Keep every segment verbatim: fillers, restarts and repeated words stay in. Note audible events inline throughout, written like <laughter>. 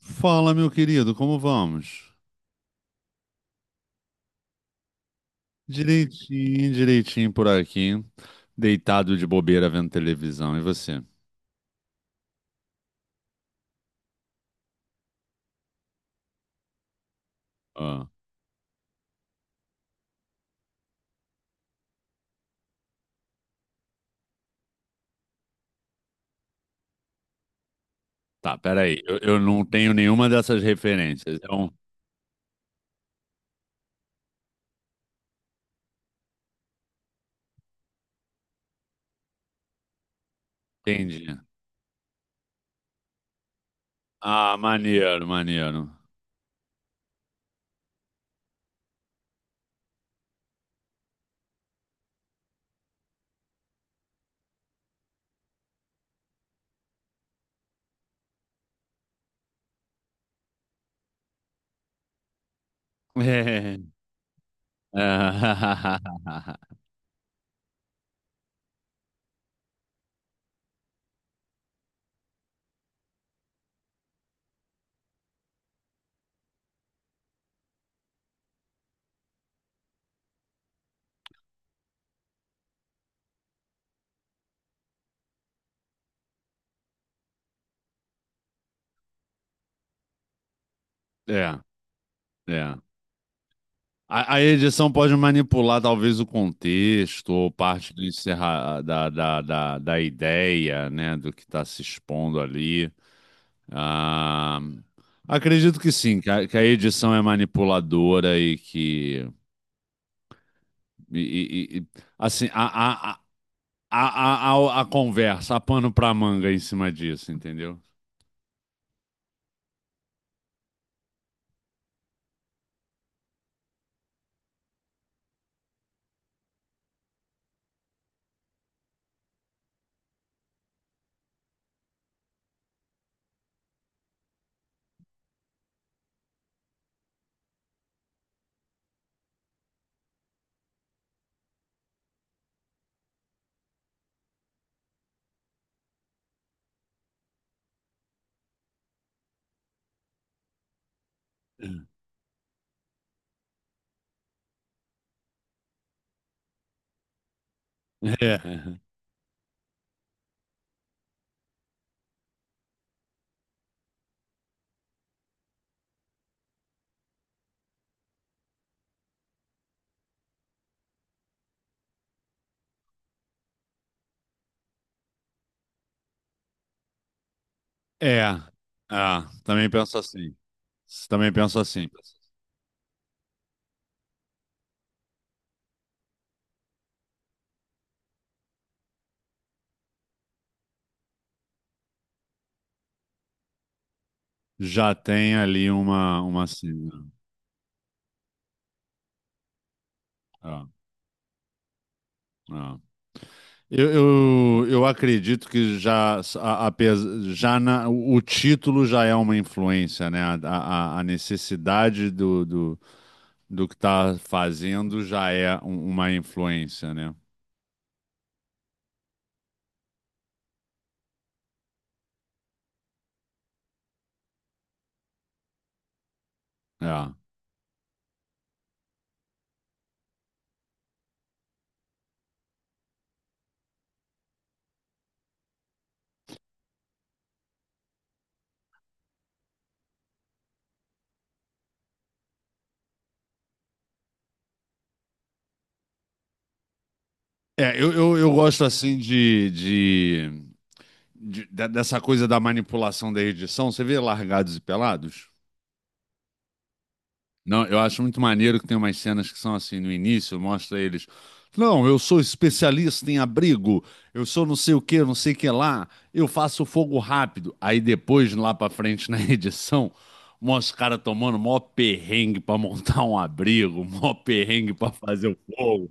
Fala, meu querido, como vamos? Direitinho, direitinho por aqui, deitado de bobeira vendo televisão. E você? Ah, tá, peraí, eu, eu não tenho nenhuma dessas referências. Então, entendi. Ah, maneiro, maneiro. É, é, <laughs> é. É. A, a edição pode manipular talvez o contexto ou parte do encerra, da, da, da, da ideia, né, do que está se expondo ali. Ah, acredito que sim, que a, que a edição é manipuladora e que. e- e- e- assim, a, a, a, a, a, a conversa, a pano pra manga em cima disso, entendeu? É. É. Ah, também penso assim. Também penso assim. Já tem ali uma, uma sigla. Ah, ah. Eu, eu, eu acredito que já, a- apes- já na- o título já é uma influência, né? A, a- a necessidade do, do, do que está fazendo já é um- uma influência, né? É, é, eu, eu, eu gosto assim de, de, de- de- dessa coisa da manipulação da edição. Você vê Largados e Pelados? Não, eu acho muito maneiro que tem umas cenas que são assim, no início, mostra eles. Não, eu sou especialista em abrigo, eu sou não sei o que, não sei o que lá, eu faço fogo rápido. Aí depois, lá pra frente <laughs> na edição, mostra os caras tomando mó perrengue pra montar um abrigo, mó perrengue pra fazer o fogo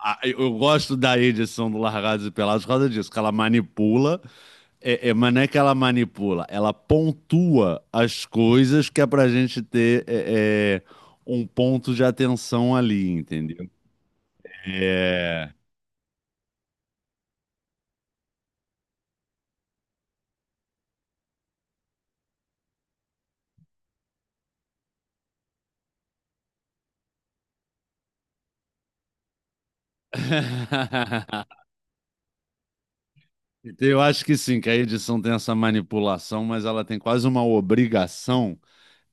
a- eu gosto da edição do Largados e Pelados por causa disso, que ela manipula, é, é, mas não é que ela manipula, ela pontua as coisas que é pra gente ter é, é, um ponto de atenção ali, entendeu? É. <laughs> Então, eu acho que sim, que a edição tem essa manipulação, mas ela tem quase uma obrigação.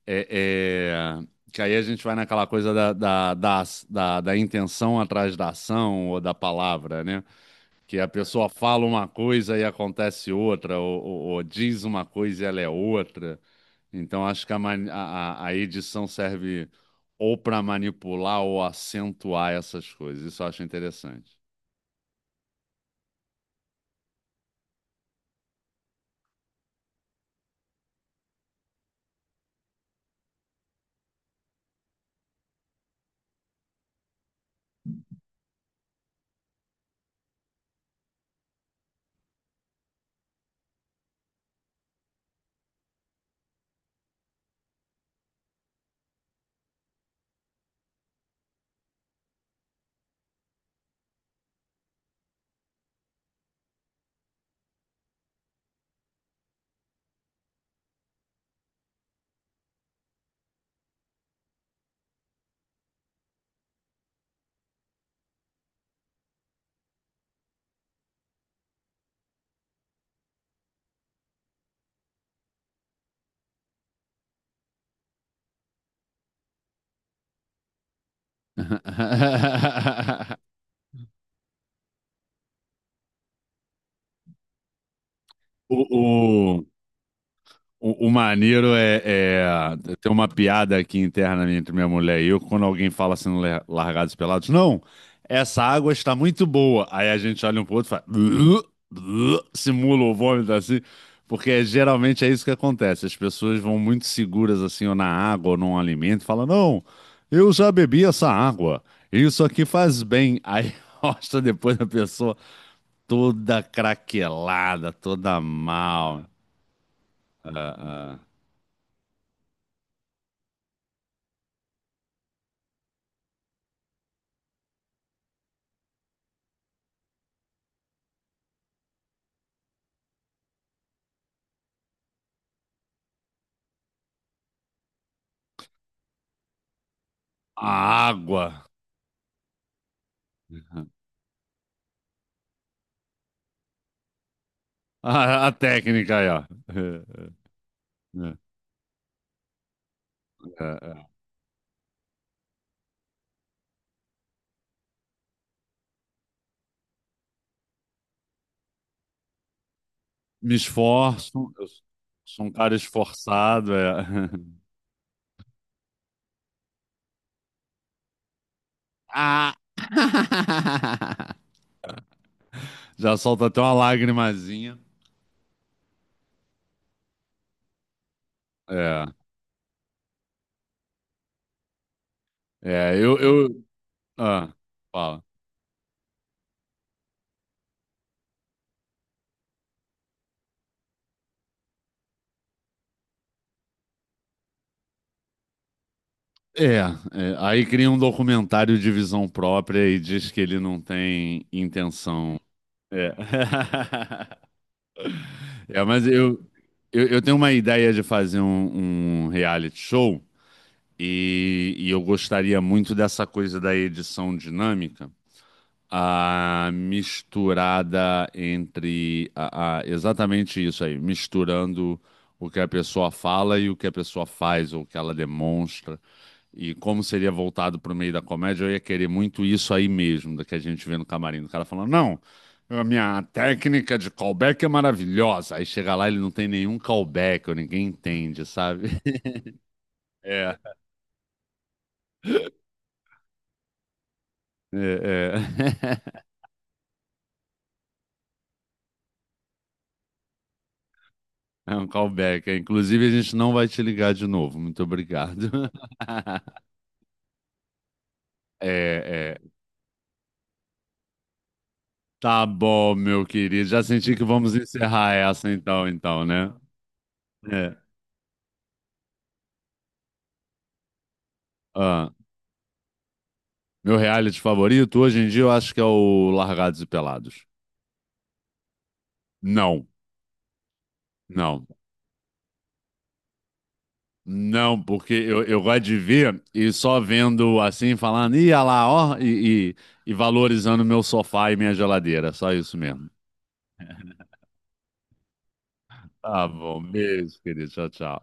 é, é, que aí a gente vai naquela coisa da, da, da, da, da intenção atrás da ação ou da palavra, né? Que a pessoa fala uma coisa e acontece outra, ou, ou- ou diz uma coisa e ela é outra. Então, acho que a, mani- a- a- a edição serve ou para manipular ou acentuar essas coisas. Isso eu acho interessante. <laughs> O, O, o maneiro é, é- tem uma piada aqui interna entre minha mulher e eu, quando alguém fala assim, no Le- largados e Pelados, não, essa água está muito boa. Aí a gente olha um pro outro e fala, "Blu, blu", simula o vômito assim, porque é- geralmente é isso que acontece. As pessoas vão muito seguras assim, ou na água, ou num alimento, e falam, não, eu já bebi essa água, isso aqui faz bem. Aí <laughs> mostra depois a pessoa toda craquelada, toda mal. Ah, ah. A água. <laughs> A, a técnica aí, ó. É, é, é. É. Me esforço, eu sou um cara esforçado. É. Ah. <laughs> Já solta até uma lagrimazinha. É, é, eu, eu, ah, fala. É, é, aí cria um documentário de visão própria e diz que ele não tem intenção. É. <laughs> É, mas eu, eu, eu tenho uma ideia de fazer um, um reality show e, e eu gostaria muito dessa coisa da edição dinâmica. A misturada entre. A, a- exatamente isso aí, misturando o que a pessoa fala e o que a pessoa faz, ou o que ela demonstra. E como seria voltado para o meio da comédia, eu ia querer muito isso aí mesmo, da que a gente vê no camarim. O cara falando, não, a minha técnica de callback é maravilhosa. Aí chega lá, ele não tem nenhum callback, ou ninguém entende, sabe? <laughs> É, é, é. <laughs> É um callback. É. Inclusive, a gente não vai te ligar de novo. Muito obrigado. <laughs> É, é. Tá bom, meu querido. Já senti que vamos encerrar essa então, então, né? É. Ah, meu reality favorito hoje em dia eu acho que é o Largados e Pelados. Não, não. Não, porque eu, eu gosto de ver e só vendo assim, falando, ia lá, ó, e, e, e valorizando meu sofá e minha geladeira. Só isso mesmo. Tá bom, beijo, querido. Tchau, tchau.